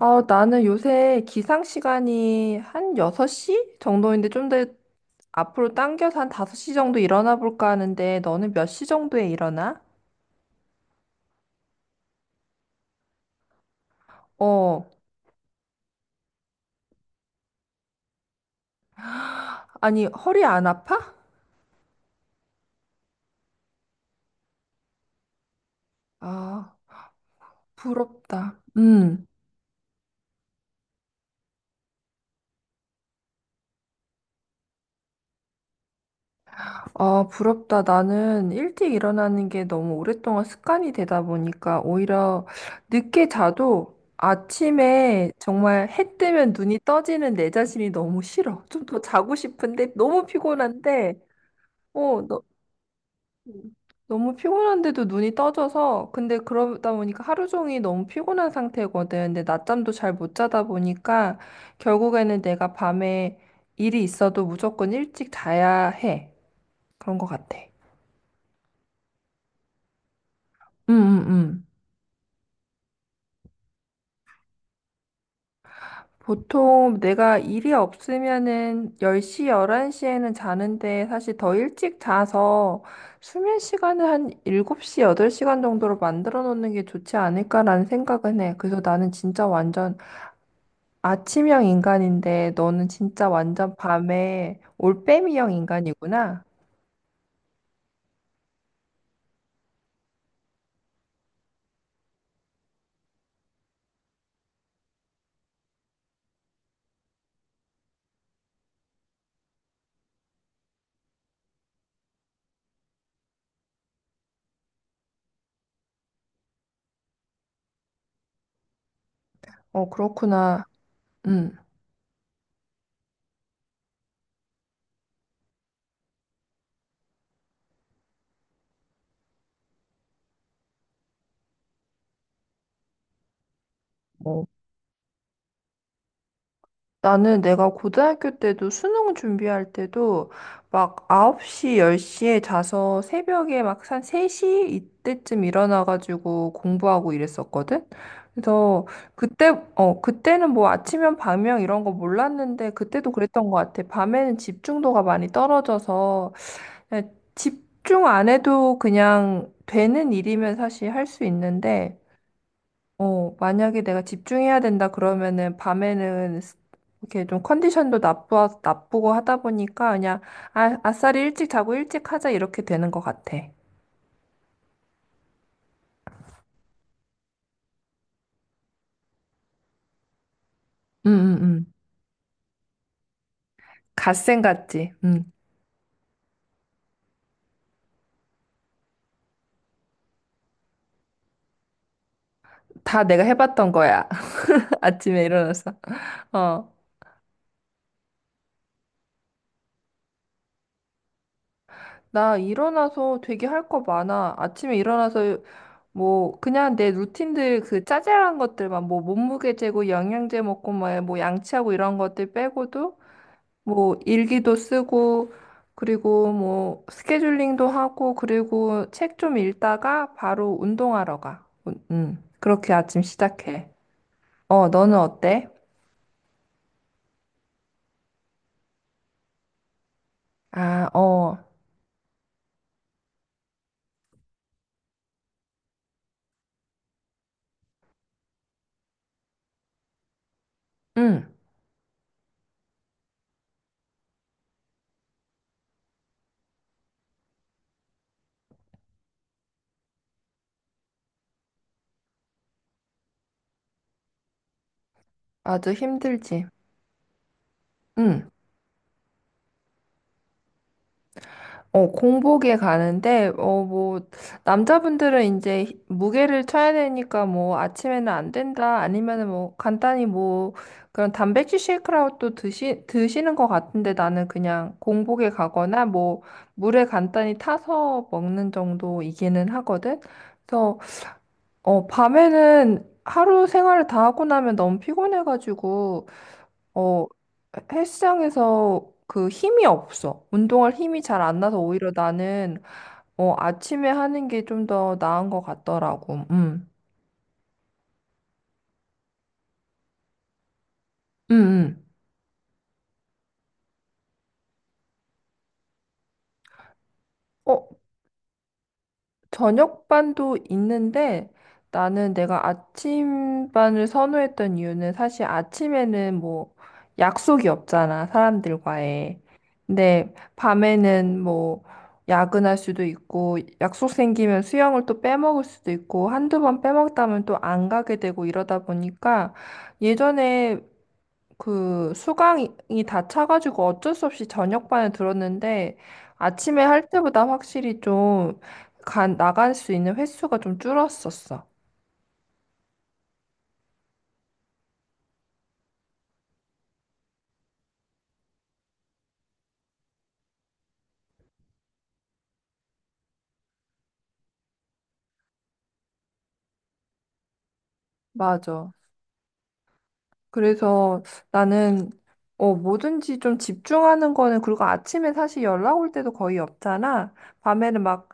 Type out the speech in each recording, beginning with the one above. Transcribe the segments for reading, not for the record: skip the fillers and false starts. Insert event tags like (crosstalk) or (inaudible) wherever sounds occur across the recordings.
아, 나는 요새 기상 시간이 한 6시 정도인데 좀 더 앞으로 당겨서 한 5시 정도 일어나 볼까 하는데 너는 몇 시 정도에 일어나? 어, 아니, 허리 안 아파? 아, 부럽다. 아, 부럽다. 나는 일찍 일어나는 게 너무 오랫동안 습관이 되다 보니까 오히려 늦게 자도 아침에 정말 해 뜨면 눈이 떠지는 내 자신이 너무 싫어. 좀 더 자고 싶은데 너무 피곤한데 어, 음. 너무 피곤한데도 눈이 떠져서 근데 그러다 보니까 하루 종일 너무 피곤한 상태거든. 근데 낮잠도 잘 못 자다 보니까 결국에는 내가 밤에 일이 있어도 무조건 일찍 자야 해. 그런 것 같아. 응, 응, 응. 보통 내가 일이 없으면은 10시, 11시에는 자는데 사실 더 일찍 자서 수면 시간을 한 7시, 8시간 정도로 만들어 놓는 게 좋지 않을까라는 생각은 해. 그래서 나는 진짜 완전 아침형 인간인데 너는 진짜 완전 밤에 올빼미형 인간이구나. 어, 그렇구나. 응. 어, 나는 내가 고등학교 때도 수능 준비할 때도 막 9시, 10시에 자서 새벽에 막 한 3시 이때쯤 일어나가지고 공부하고 이랬었거든. 그래서 그때, 어, 그때는 뭐 아침형, 밤형 이런 거 몰랐는데 그때도 그랬던 것 같아. 밤에는 집중도가 많이 떨어져서 네, 집중 안 해도 그냥 되는 일이면 사실 할 수 있는데, 어, 만약에 내가 집중해야 된다 그러면은 밤에는 이렇게 좀 컨디션도 나쁘고 하다 보니까 그냥 아, 아싸리 일찍 자고 일찍 하자 이렇게 되는 것 같아. 응, 응, 응. 갓생 같지? 응. 다 내가 해봤던 거야. (laughs) 아침에 일어나서. 어. 나 일어나서 되게 할 거 많아. 아침에 일어나서 뭐 그냥 내 루틴들 그 짜잘한 것들만 뭐 몸무게 재고 영양제 먹고 뭐, 뭐 양치하고 이런 것들 빼고도 뭐 일기도 쓰고 그리고 뭐 스케줄링도 하고 그리고 책 좀 읽다가 바로 운동하러 가. 그렇게 아침 시작해. 어, 너는 어때? 아, 어. 응. 아주 힘들지. 응. 어, 공복에 가는데, 어, 뭐, 남자분들은 이제 무게를 쳐야 되니까 뭐, 아침에는 안 된다, 아니면은 뭐, 간단히 뭐, 그런 단백질 쉐이크라도 드시는 것 같은데 나는 그냥 공복에 가거나 뭐, 물에 간단히 타서 먹는 정도이기는 하거든? 그래서, 어, 밤에는 하루 생활을 다 하고 나면 너무 피곤해가지고, 어, 헬스장에서 그 힘이 없어. 운동할 힘이 잘 안 나서 오히려 나는 어, 아침에 하는 게 좀 더 나은 것 같더라고. 음, 음. 어, 저녁반도 있는데 나는 내가 아침반을 선호했던 이유는 사실 아침에는 뭐 약속이 없잖아, 사람들과의. 근데 밤에는 뭐 야근할 수도 있고 약속 생기면 수영을 또 빼먹을 수도 있고 한두 번 빼먹다면 또 안 가게 되고 이러다 보니까 예전에 그 수강이 다 차가지고 어쩔 수 없이 저녁반에 들었는데 아침에 할 때보다 확실히 좀 나갈 수 있는 횟수가 좀 줄었었어. 맞아. 그래서 나는 어, 뭐든지 좀 집중하는 거는 그리고 아침에 사실 연락 올 때도 거의 없잖아. 밤에는 막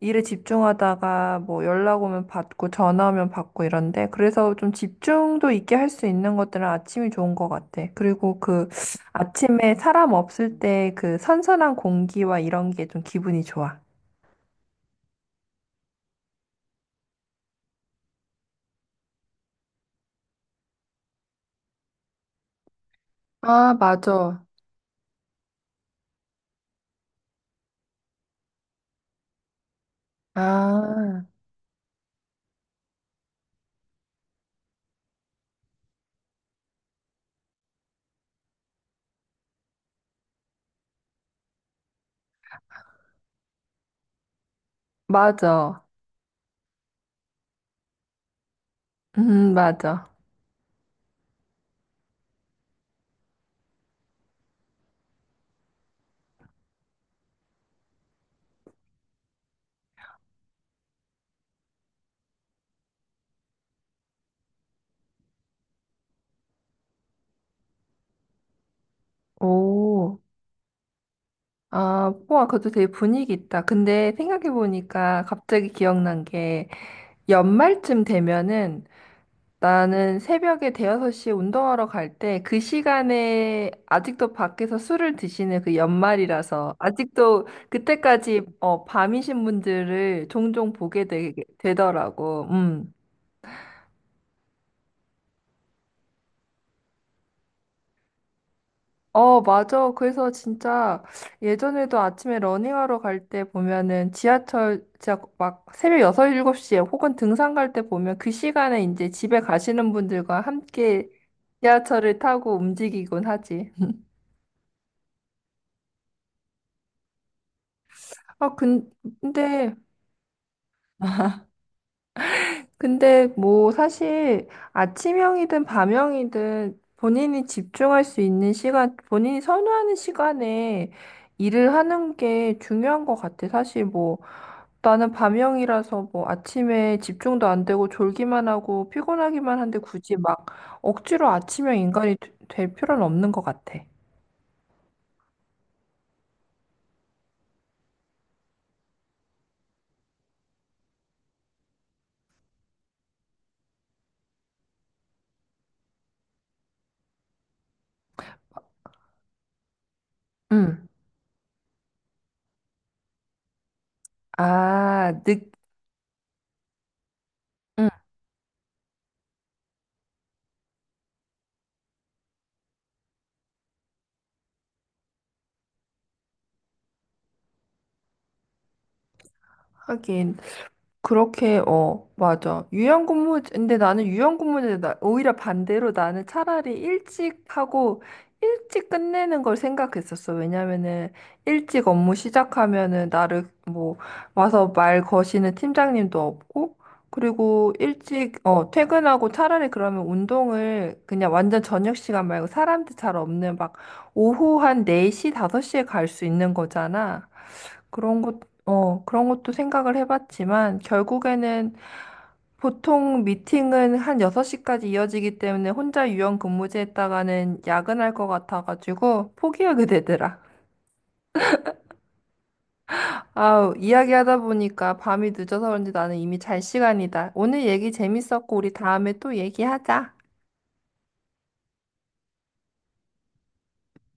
일에 집중하다가 뭐 연락 오면 받고 전화 오면 받고 이런데 그래서 좀 집중도 있게 할 수 있는 것들은 아침이 좋은 것 같아. 그리고 그 아침에 사람 없을 때 그 선선한 공기와 이런 게 좀 기분이 좋아. 아, 맞아. 아, 맞아. 맞아. 오. 아, 우와, 그것도 되게 분위기 있다. 근데 생각해보니까 갑자기 기억난 게 연말쯤 되면은 나는 새벽에 대여섯 시에 운동하러 갈 때 그 시간에 아직도 밖에서 술을 드시는 그 연말이라서 아직도 그때까지 어, 밤이신 분들을 종종 보게 되더라고. 어, 맞아. 그래서 진짜 예전에도 아침에 러닝하러 갈 때 보면은 지하철 진짜 막 새벽 여섯 일곱 시에 혹은 등산 갈 때 보면 그 시간에 이제 집에 가시는 분들과 함께 지하철을 타고 움직이곤 하지. 아, 근데 근데 뭐 사실 아침형이든 밤형이든 본인이 집중할 수 있는 시간, 본인이 선호하는 시간에 일을 하는 게 중요한 것 같아. 사실 뭐 나는 밤형이라서 뭐 아침에 집중도 안 되고 졸기만 하고 피곤하기만 한데 굳이 막 억지로 아침형 인간이 될 필요는 없는 것 같아. 응. 아, 늦, 응. 하긴. 그렇게, 어, 맞아. 근데 나는 유연근무제, 나, 오히려 반대로 나는 차라리 일찍 하고, 일찍 끝내는 걸 생각했었어. 왜냐면은, 일찍 업무 시작하면은, 나를, 뭐, 와서 말 거시는 팀장님도 없고, 그리고 일찍, 어, 퇴근하고 차라리 그러면 운동을 그냥 완전 저녁 시간 말고 사람들 잘 없는 막, 오후 한 4시, 5시에 갈 수 있는 거잖아. 그런 것, 어, 그런 것도 생각을 해봤지만, 결국에는 보통 미팅은 한 6시까지 이어지기 때문에 혼자 유연 근무제 했다가는 야근할 것 같아가지고 포기하게 되더라. 아우, 이야기하다 보니까 밤이 늦어서 그런지 나는 이미 잘 시간이다. 오늘 얘기 재밌었고, 우리 다음에 또 얘기하자.